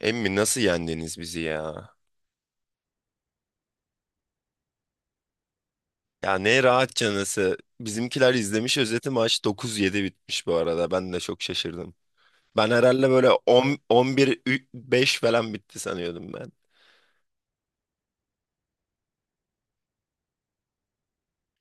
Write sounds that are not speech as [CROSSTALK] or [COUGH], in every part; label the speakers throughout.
Speaker 1: Emmi nasıl yendiniz bizi ya? Ya ne rahat canısı. Bizimkiler izlemiş özeti maç 9-7 bitmiş bu arada. Ben de çok şaşırdım. Ben herhalde böyle 10 11 beş falan bitti sanıyordum ben.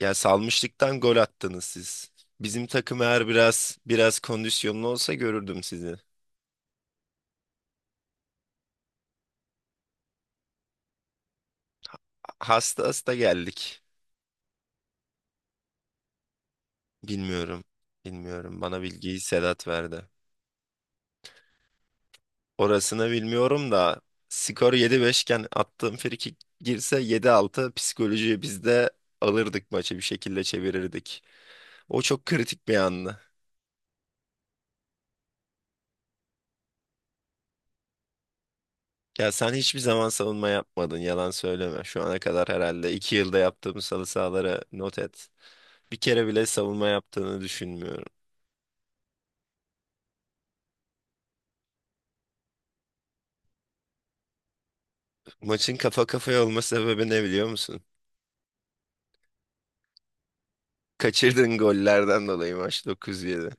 Speaker 1: Ya salmışlıktan gol attınız siz. Bizim takım eğer biraz biraz kondisyonlu olsa görürdüm sizi. Hasta hasta geldik. Bilmiyorum. Bilmiyorum. Bana bilgiyi Sedat verdi. Orasını bilmiyorum da skor 7-5 iken attığım frikik girse 7-6 psikolojiyi biz de alırdık maçı bir şekilde çevirirdik. O çok kritik bir andı. Ya sen hiçbir zaman savunma yapmadın, yalan söyleme. Şu ana kadar herhalde 2 yılda yaptığımız halı sahaları not et. Bir kere bile savunma yaptığını düşünmüyorum. Maçın kafa kafaya olma sebebi ne biliyor musun? Kaçırdığın gollerden dolayı maç 9-7.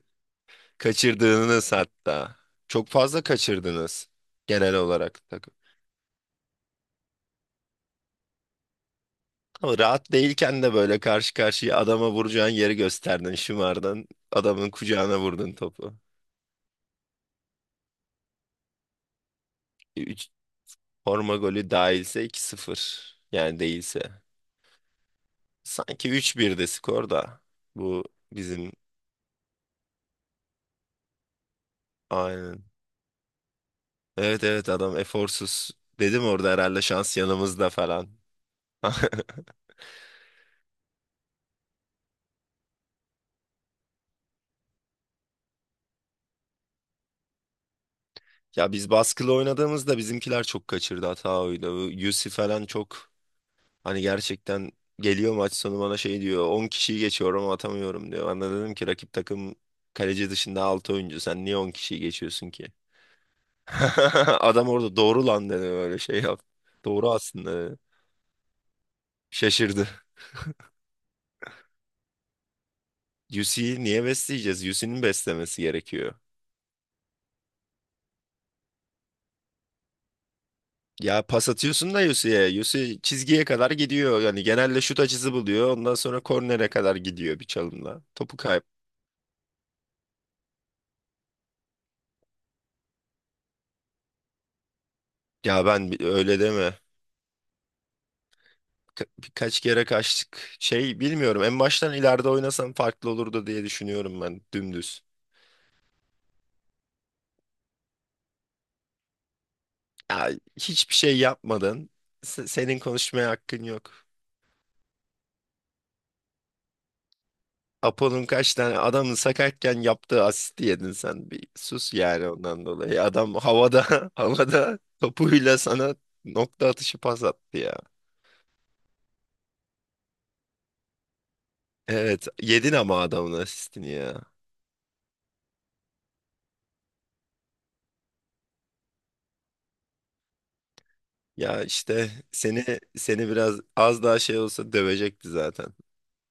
Speaker 1: Kaçırdığınız hatta. Çok fazla kaçırdınız genel olarak. Ama rahat değilken de böyle karşı karşıya adama vuracağın yeri gösterdin, şımardın, adamın kucağına vurdun topu. 3 forma golü dahilse 2-0. Yani değilse. Sanki 3-1'de skor da. Bu bizim, aynen. Evet evet, adam eforsuz. Dedim orada herhalde şans yanımızda falan. [LAUGHS] Ya biz baskılı oynadığımızda bizimkiler çok kaçırdı, hata oydu. Bu Yusuf falan çok, hani gerçekten geliyor maç sonu bana şey diyor. 10 kişiyi geçiyorum, atamıyorum diyor. Ben de dedim ki rakip takım kaleci dışında 6 oyuncu. Sen niye 10 kişiyi geçiyorsun ki? [LAUGHS] Adam orada doğru lan dedi, böyle şey yap. Doğru aslında dedi. Şaşırdı. Yusi'yi niye besleyeceğiz? Yusi'nin beslemesi gerekiyor. Ya pas atıyorsun da Yusi'ye. Yusi çizgiye kadar gidiyor. Yani genelde şut açısı buluyor. Ondan sonra kornere kadar gidiyor bir çalımla. Topu kayıp. Ya ben öyle deme. Birkaç kere kaçtık. Şey, bilmiyorum, en baştan ileride oynasam farklı olurdu diye düşünüyorum ben dümdüz. Ya, hiçbir şey yapmadın. Senin konuşmaya hakkın yok. Apo'nun kaç tane adamın sakatken yaptığı asisti yedin sen. Bir sus yani ondan dolayı. Adam havada [LAUGHS] havada topuyla sana nokta atışı pas attı ya. Evet yedin ama adamın asistini ya. Ya işte seni biraz az daha şey olsa dövecekti zaten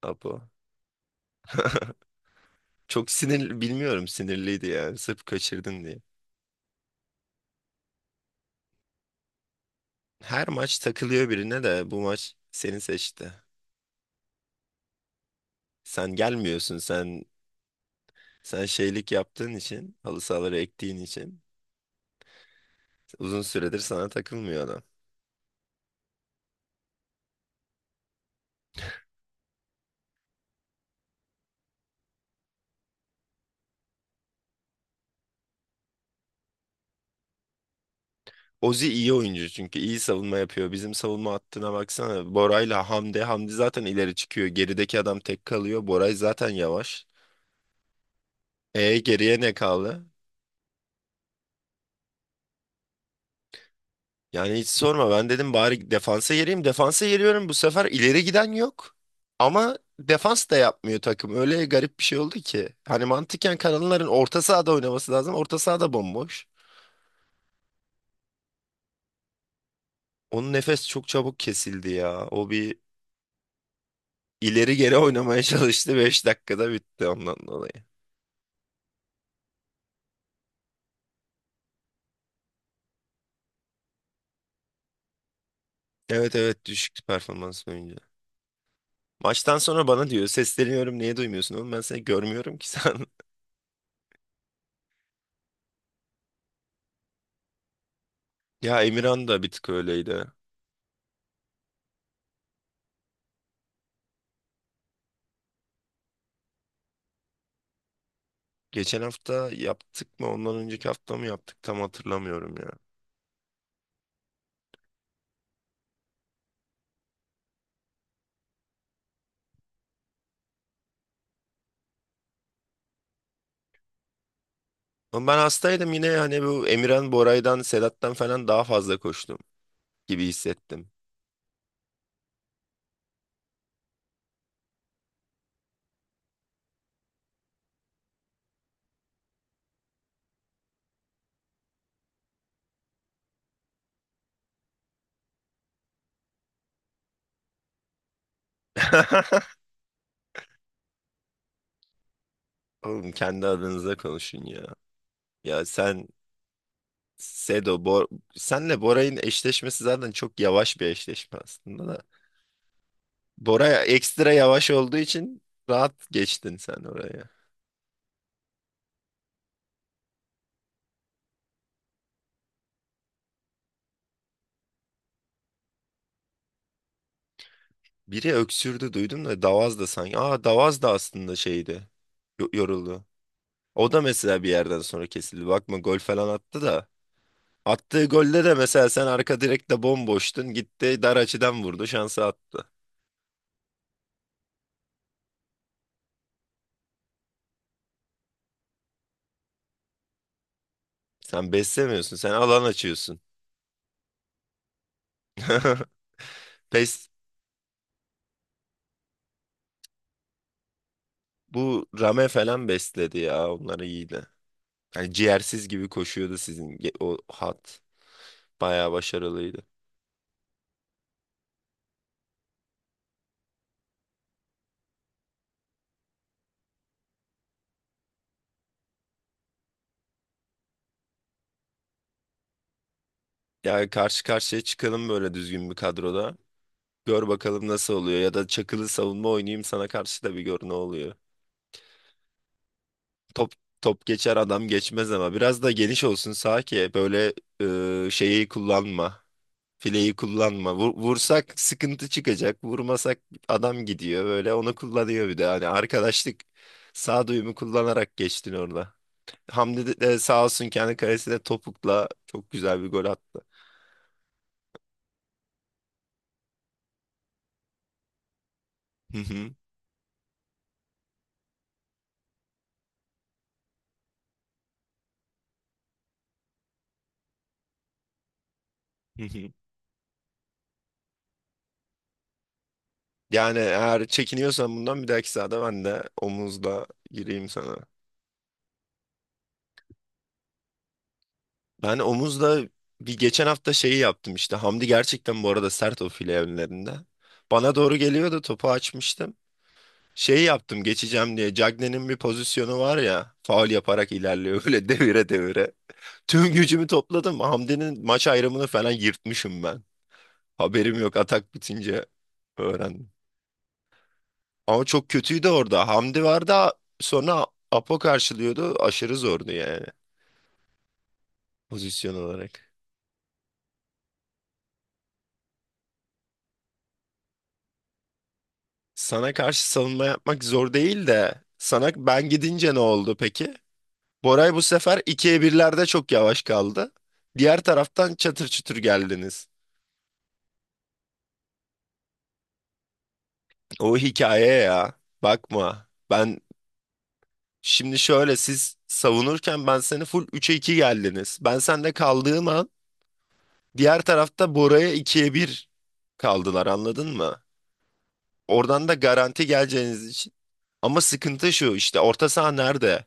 Speaker 1: Apo. [LAUGHS] Çok sinir, bilmiyorum, sinirliydi yani sırf kaçırdın diye. Her maç takılıyor birine de bu maç seni seçti. Sen gelmiyorsun, sen şeylik yaptığın için, halı sahaları ektiğin için uzun süredir sana takılmıyor adam. Ozi iyi oyuncu çünkü iyi savunma yapıyor. Bizim savunma hattına baksana. Bora'yla Hamdi. Hamdi zaten ileri çıkıyor. Gerideki adam tek kalıyor. Boray zaten yavaş. E geriye ne kaldı? Yani hiç sorma, ben dedim bari defansa yeriyim. Defansa yeriyorum, bu sefer ileri giden yok. Ama defans da yapmıyor takım. Öyle garip bir şey oldu ki. Hani mantıken kanalların orta sahada oynaması lazım. Orta sahada bomboş. Onun nefes çok çabuk kesildi ya. O bir ileri geri oynamaya [LAUGHS] çalıştı. 5 dakikada bitti ondan dolayı. Evet evet, düşük performans oyuncu. Maçtan sonra bana diyor, sesleniyorum niye duymuyorsun oğlum, ben seni görmüyorum ki sen. [LAUGHS] Ya Emirhan da bir tık öyleydi. Geçen hafta yaptık mı? Ondan önceki hafta mı yaptık? Tam hatırlamıyorum ya. Ama ben hastaydım yine, hani bu Emirhan, Boray'dan, Sedat'tan falan daha fazla koştum gibi hissettim. [LAUGHS] Oğlum kendi adınıza konuşun ya. Ya sen Sedo, Bor senle Boray'ın eşleşmesi zaten çok yavaş bir eşleşme aslında da. Bora ekstra yavaş olduğu için rahat geçtin sen oraya. Biri öksürdü duydum da Davaz da sanki. Aa Davaz da aslında şeydi. Yoruldu. O da mesela bir yerden sonra kesildi. Bakma gol falan attı da. Attığı golde de mesela sen arka direkte bomboştun. Gitti dar açıdan vurdu. Şansı attı. Sen beslemiyorsun. Sen alan açıyorsun. [LAUGHS] Pes, bu Rame falan besledi ya. Onları iyiydi. Yani ciğersiz gibi koşuyordu sizin o hat. Bayağı başarılıydı. Yani karşı karşıya çıkalım böyle düzgün bir kadroda. Gör bakalım nasıl oluyor. Ya da çakılı savunma oynayayım sana karşı da bir gör ne oluyor. Top, top geçer adam geçmez, ama biraz da geniş olsun sağ ki böyle şeyi kullanma. Fileyi kullanma. Vursak sıkıntı çıkacak. Vurmasak adam gidiyor, böyle onu kullanıyor bir de. Hani arkadaşlık sağduyumu kullanarak geçtin orada. Hamdi de sağ olsun kendi kalesine topukla çok güzel bir gol attı. Hı hı, hı hı. Yani eğer çekiniyorsan bundan, bir dahaki sahada ben de omuzla gireyim sana. Ben omuzda bir geçen hafta şeyi yaptım işte. Hamdi gerçekten bu arada sert o file önlerinde. Bana doğru geliyordu, topu açmıştım. Şeyi yaptım geçeceğim diye. Cagney'nin bir pozisyonu var ya. Faul yaparak ilerliyor [LAUGHS] böyle devire devire. Tüm gücümü topladım. Hamdi'nin maç ayrımını falan yırtmışım ben. Haberim yok, atak bitince öğrendim. Ama çok kötüydü orada. Hamdi vardı, sonra Apo karşılıyordu. Aşırı zordu yani pozisyon olarak. Sana karşı savunma yapmak zor değil de sana ben gidince ne oldu peki? Boray bu sefer 2-1'lerde çok yavaş kaldı. Diğer taraftan çatır çutur geldiniz. O hikaye ya. Bakma. Ben şimdi şöyle, siz savunurken ben seni full 3'e 2 geldiniz. Ben sende kaldığım an diğer tarafta Bora'ya 2-1 kaldılar, anladın mı? Oradan da garanti geleceğiniz için. Ama sıkıntı şu işte, orta saha nerede?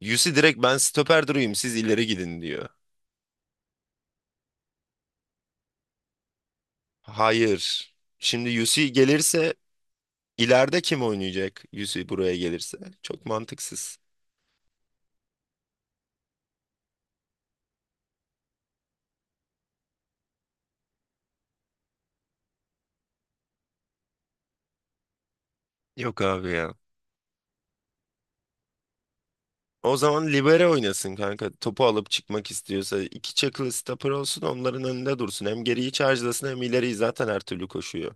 Speaker 1: Yusi direkt ben stoper durayım siz ileri gidin diyor. Hayır. Şimdi UC gelirse ileride kim oynayacak, UC buraya gelirse? Çok mantıksız. Yok abi ya. O zaman libero oynasın kanka. Topu alıp çıkmak istiyorsa iki çakılı stopper olsun onların önünde dursun. Hem geriyi charge'lasın, hem ileriyi zaten her türlü koşuyor.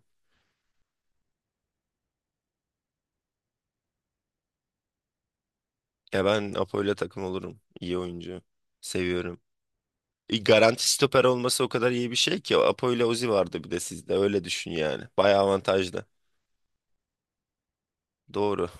Speaker 1: Ya ben Apo'yla takım olurum. İyi oyuncu. Seviyorum. Garanti stoper olması o kadar iyi bir şey ki. Apo'yla Uzi vardı bir de sizde. Öyle düşün yani. Bayağı avantajlı. Doğru.